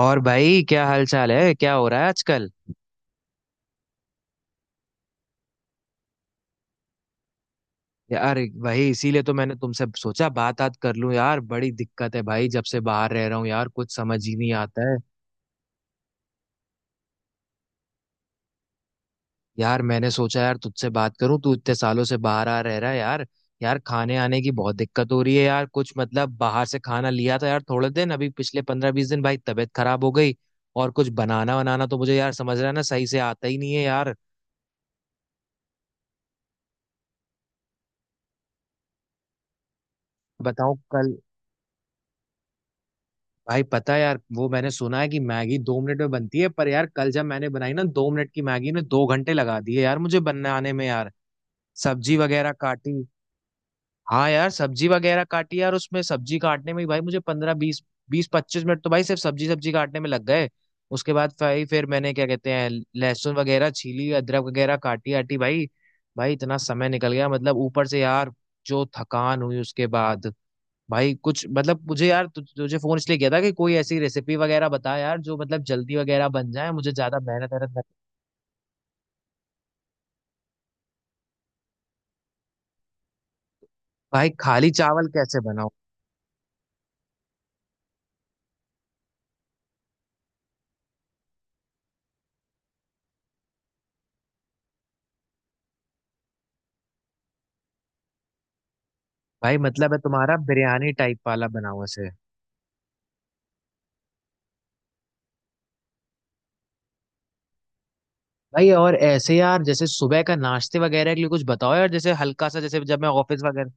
और भाई क्या हाल चाल है, क्या हो रहा है आजकल। यार, भाई इसीलिए तो मैंने तुमसे सोचा बात बात कर लूं यार, बड़ी दिक्कत है भाई। जब से बाहर रह रहा हूँ यार, कुछ समझ ही नहीं आता है। यार मैंने सोचा यार तुझसे बात करूं, तू इतने सालों से बाहर आ रह रहा है यार। यार खाने आने की बहुत दिक्कत हो रही है यार। कुछ मतलब बाहर से खाना लिया था यार, थोड़े दिन अभी, पिछले 15-20 दिन भाई तबीयत खराब हो गई। और कुछ बनाना बनाना तो मुझे, यार समझ रहा है ना, सही से आता ही नहीं है यार। बताओ कल। भाई पता है यार, वो मैंने सुना है कि मैगी 2 मिनट में बनती है, पर यार कल जब मैंने बनाई ना, 2 मिनट की मैगी ने 2 घंटे लगा दिए यार मुझे बनाने में यार। सब्जी वगैरह काटी। हाँ यार, सब्जी वगैरह काटी यार। उसमें सब्जी काटने में ही भाई मुझे 15-20, 20-25 मिनट तो भाई सिर्फ सब्जी सब्जी काटने में लग गए। उसके बाद भाई, फिर मैंने क्या कहते हैं, लहसुन वगैरह छीली, अदरक वगैरह काटी, आटी भाई। भाई इतना समय निकल गया मतलब, ऊपर से यार जो थकान हुई उसके बाद। भाई कुछ मतलब, मुझे यार तुझे फोन इसलिए किया था कि कोई ऐसी रेसिपी वगैरह बता यार, जो मतलब जल्दी वगैरह बन जाए, मुझे ज्यादा मेहनत वेहनत। भाई खाली चावल कैसे बनाओ। भाई मतलब है तुम्हारा, बिरयानी टाइप वाला बनाओ ऐसे। भाई और ऐसे यार, जैसे सुबह का नाश्ते वगैरह के लिए कुछ बताओ यार, जैसे हल्का सा, जैसे जब मैं ऑफिस वगैरह।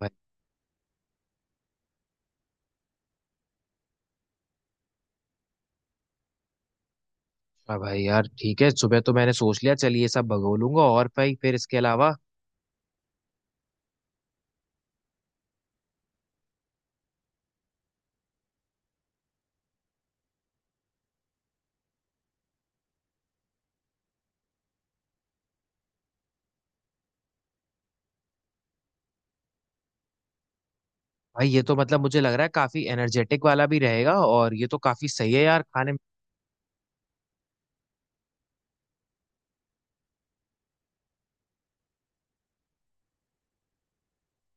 भाई। हाँ भाई, यार ठीक है, सुबह तो मैंने सोच लिया, चलिए ये सब भगो लूंगा, और भाई फिर इसके अलावा। भाई ये तो मतलब मुझे लग रहा है काफी एनर्जेटिक वाला भी रहेगा, और ये तो काफी सही है यार खाने में।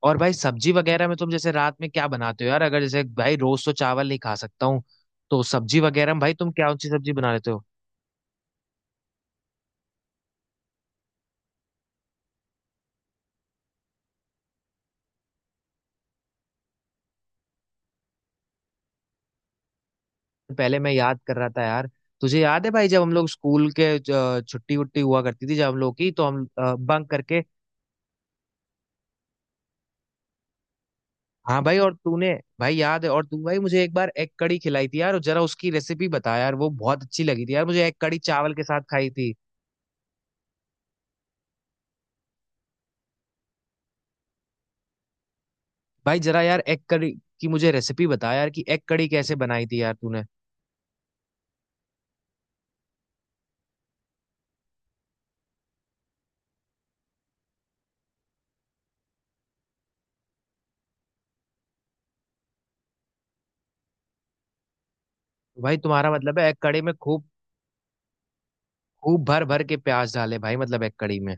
और भाई सब्जी वगैरह में तुम जैसे रात में क्या बनाते हो यार, अगर जैसे भाई रोज तो चावल नहीं खा सकता हूँ। तो सब्जी वगैरह में भाई तुम क्या ऊंची सब्जी बना लेते हो। पहले मैं याद कर रहा था यार, तुझे याद है भाई जब हम लोग स्कूल के, छुट्टी वुट्टी हुआ करती थी जब हम लोग की, तो हम बंक करके। हाँ भाई, और तूने, भाई याद है, और तू भाई मुझे एक बार एग कड़ी खिलाई थी यार, और जरा उसकी रेसिपी बता यार, वो बहुत अच्छी लगी थी यार मुझे। एग कड़ी चावल के साथ खाई थी। भाई जरा यार एग कड़ी की मुझे रेसिपी बता यार, कि एग कड़ी कैसे बनाई थी यार तूने। तो भाई तुम्हारा मतलब है एक कड़ी में खूब, खूब भर भर के प्याज डाले भाई मतलब एक कड़ी में।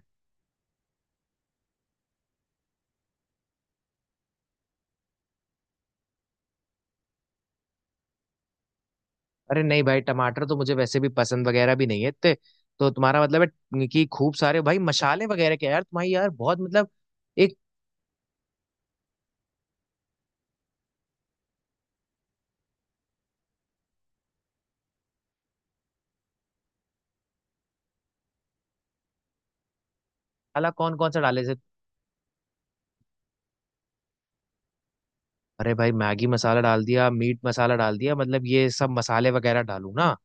अरे नहीं भाई, टमाटर तो मुझे वैसे भी पसंद वगैरह भी नहीं है इतने। तो तुम्हारा मतलब है कि खूब सारे भाई मसाले वगैरह के यार, तुम्हारी यार बहुत मतलब। एक मसाला कौन कौन सा डाले से। अरे भाई, मैगी मसाला डाल दिया, मीट मसाला डाल दिया, मतलब ये सब मसाले वगैरह डालू ना।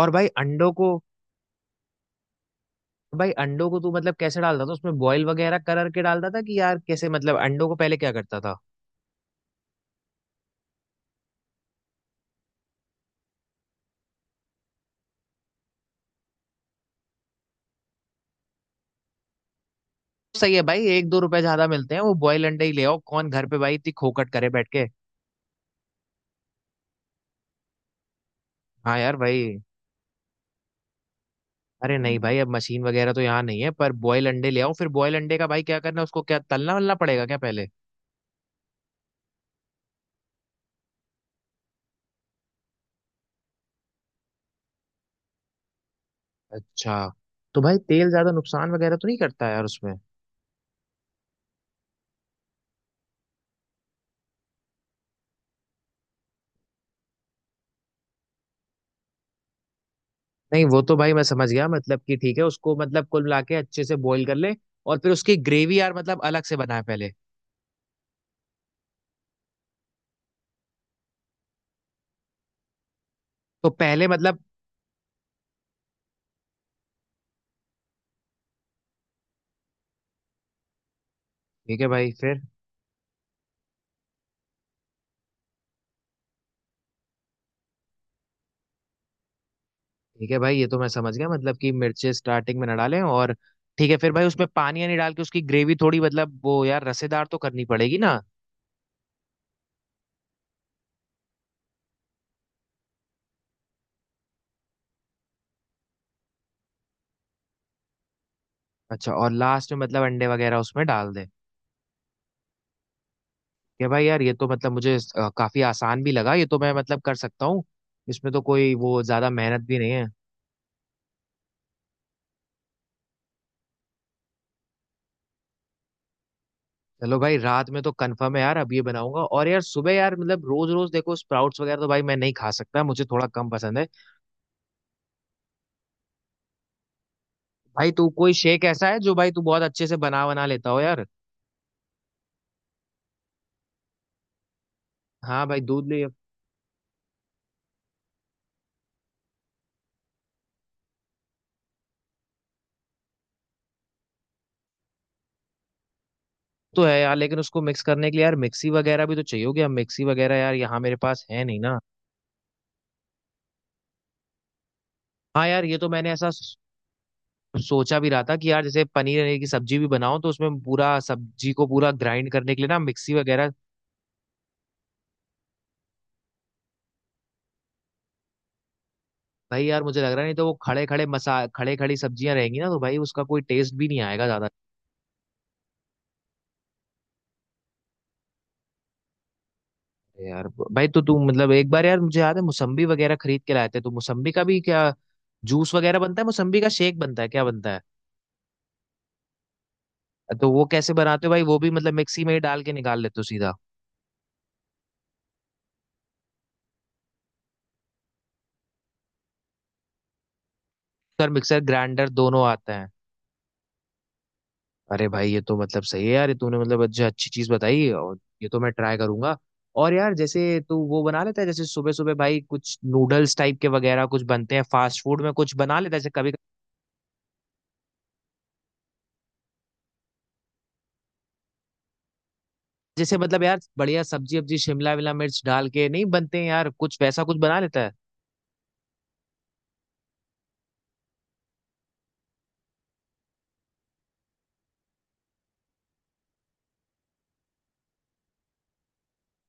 और भाई अंडों को। भाई अंडों को तू मतलब कैसे डालता था उसमें, बॉईल वगैरह कर के डालता था, कि यार कैसे मतलब अंडों को पहले क्या करता था। सही है भाई, 1-2 रुपए ज्यादा मिलते हैं वो, बॉयल अंडे ही ले आओ, कौन घर पे भाई इतनी खोखट करे बैठ के। हाँ यार भाई। अरे नहीं भाई, अब मशीन वगैरह तो यहाँ नहीं है, पर बॉयल अंडे ले आओ, फिर बॉयल अंडे का भाई क्या करना है, उसको क्या तलना वलना पड़ेगा क्या पहले। अच्छा। तो भाई तेल ज्यादा नुकसान वगैरह तो नहीं करता यार उसमें। नहीं, वो तो भाई मैं समझ गया, मतलब कि ठीक है उसको मतलब कुल मिला के अच्छे से बॉईल कर ले, और फिर उसकी ग्रेवी यार मतलब अलग से बनाए पहले। तो पहले मतलब। ठीक है भाई फिर। ठीक है भाई ये तो मैं समझ गया, मतलब कि मिर्चे स्टार्टिंग में ना डालें, और ठीक है, फिर भाई उसमें पानी नहीं डाल के, उसकी ग्रेवी थोड़ी मतलब वो यार रसेदार तो करनी पड़ेगी ना। अच्छा, और लास्ट में मतलब अंडे वगैरह उसमें डाल दे। या भाई यार, ये तो मतलब मुझे काफी आसान भी लगा, ये तो मैं मतलब कर सकता हूँ। इसमें तो कोई वो ज्यादा मेहनत भी नहीं है। चलो भाई रात में तो कंफर्म है यार, अब ये बनाऊंगा। और यार सुबह यार मतलब, रोज रोज देखो स्प्राउट्स वगैरह तो भाई मैं नहीं खा सकता, मुझे थोड़ा कम पसंद है। भाई तू कोई शेक ऐसा है जो भाई तू बहुत अच्छे से बना बना लेता हो यार। हाँ भाई दूध ले। तो है यार, लेकिन उसको मिक्स करने के लिए यार मिक्सी वगैरह भी तो चाहिए होगी, अब मिक्सी वगैरह यार यहाँ मेरे पास है नहीं ना। हाँ यार, ये तो मैंने ऐसा सोचा भी रहा था कि यार, जैसे पनीर वनीर की सब्जी भी बनाओ तो उसमें पूरा सब्जी को पूरा ग्राइंड करने के लिए ना मिक्सी वगैरह। भाई यार मुझे लग रहा है, नहीं तो वो खड़े खड़े मसा खड़े खड़ी सब्जियां रहेंगी ना, तो भाई उसका कोई टेस्ट भी नहीं आएगा ज्यादा। यार भाई, तो तू मतलब एक बार, यार मुझे याद है मौसम्बी वगैरह खरीद के लाए थे, तो मौसम्बी का भी क्या जूस वगैरह बनता है, मौसम्बी का शेक बनता है, क्या बनता है। तो वो कैसे बनाते हो भाई, वो भी मतलब मिक्सी में ही डाल के निकाल लेते हो सीधा। मिक्सर मिक्सर ग्राइंडर दोनों आते हैं। अरे भाई, ये तो मतलब सही है यार, ये तूने मतलब अच्छा, अच्छी चीज बताई, और ये तो मैं ट्राई करूंगा। और यार जैसे तू वो बना लेता है, जैसे सुबह सुबह भाई कुछ नूडल्स टाइप के वगैरह कुछ बनते हैं फास्ट फूड में, कुछ बना लेता है जैसे कभी। जैसे मतलब यार बढ़िया सब्जी वब्जी शिमला विमला मिर्च डाल के नहीं बनते हैं यार, कुछ वैसा कुछ बना लेता है।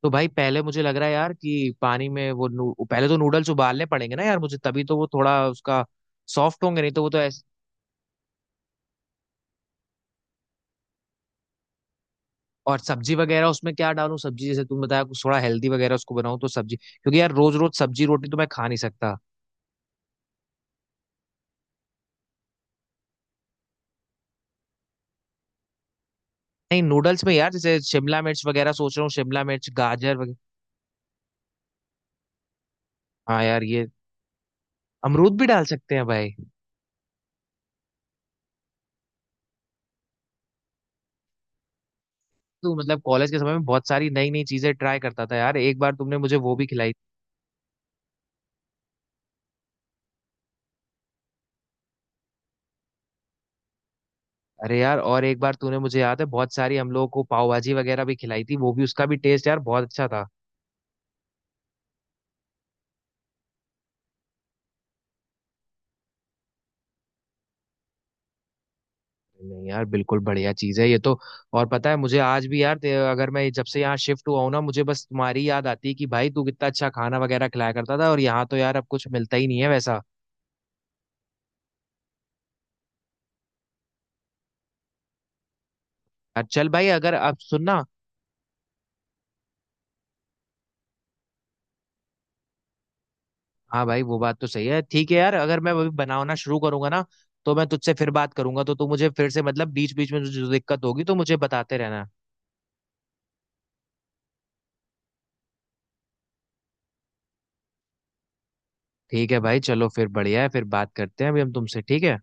तो भाई पहले मुझे लग रहा है यार कि पानी में वो पहले तो नूडल्स उबालने पड़ेंगे ना यार मुझे, तभी तो वो थोड़ा उसका सॉफ्ट होंगे, नहीं तो वो तो। और सब्जी वगैरह उसमें क्या डालूं, सब्जी जैसे तुम बताया कुछ थोड़ा हेल्दी वगैरह उसको बनाऊं, तो सब्जी, क्योंकि यार रोज रोज सब्जी रोटी तो मैं खा नहीं सकता। नहीं, नूडल्स में यार जैसे शिमला मिर्च वगैरह सोच रहा हूँ, शिमला मिर्च गाजर वगैरह। हाँ यार ये। अमरूद भी डाल सकते हैं भाई। तो मतलब कॉलेज के समय में बहुत सारी नई नई चीजें ट्राई करता था यार, एक बार तुमने मुझे वो भी खिलाई थी। अरे यार, और एक बार तूने मुझे याद है बहुत सारी हम लोगों को पाव भाजी वगैरह भी खिलाई थी, वो भी, उसका भी टेस्ट यार बहुत अच्छा था। नहीं यार बिल्कुल बढ़िया चीज है ये तो। और पता है मुझे आज भी यार, अगर मैं, जब से यहाँ शिफ्ट हुआ हूं ना, मुझे बस तुम्हारी याद आती है कि भाई तू कितना अच्छा खाना वगैरह खिलाया करता था, और यहाँ तो यार अब कुछ मिलता ही नहीं है वैसा। यार चल भाई, अगर अब सुनना। हाँ भाई वो बात तो सही है, ठीक है यार अगर मैं अभी बनाना शुरू करूंगा ना, तो मैं तुझसे फिर बात करूंगा, तो तू मुझे फिर से मतलब बीच बीच में जो जो दिक्कत होगी तो मुझे बताते रहना। ठीक है भाई, चलो फिर, बढ़िया है, फिर बात करते हैं अभी हम तुमसे, ठीक है।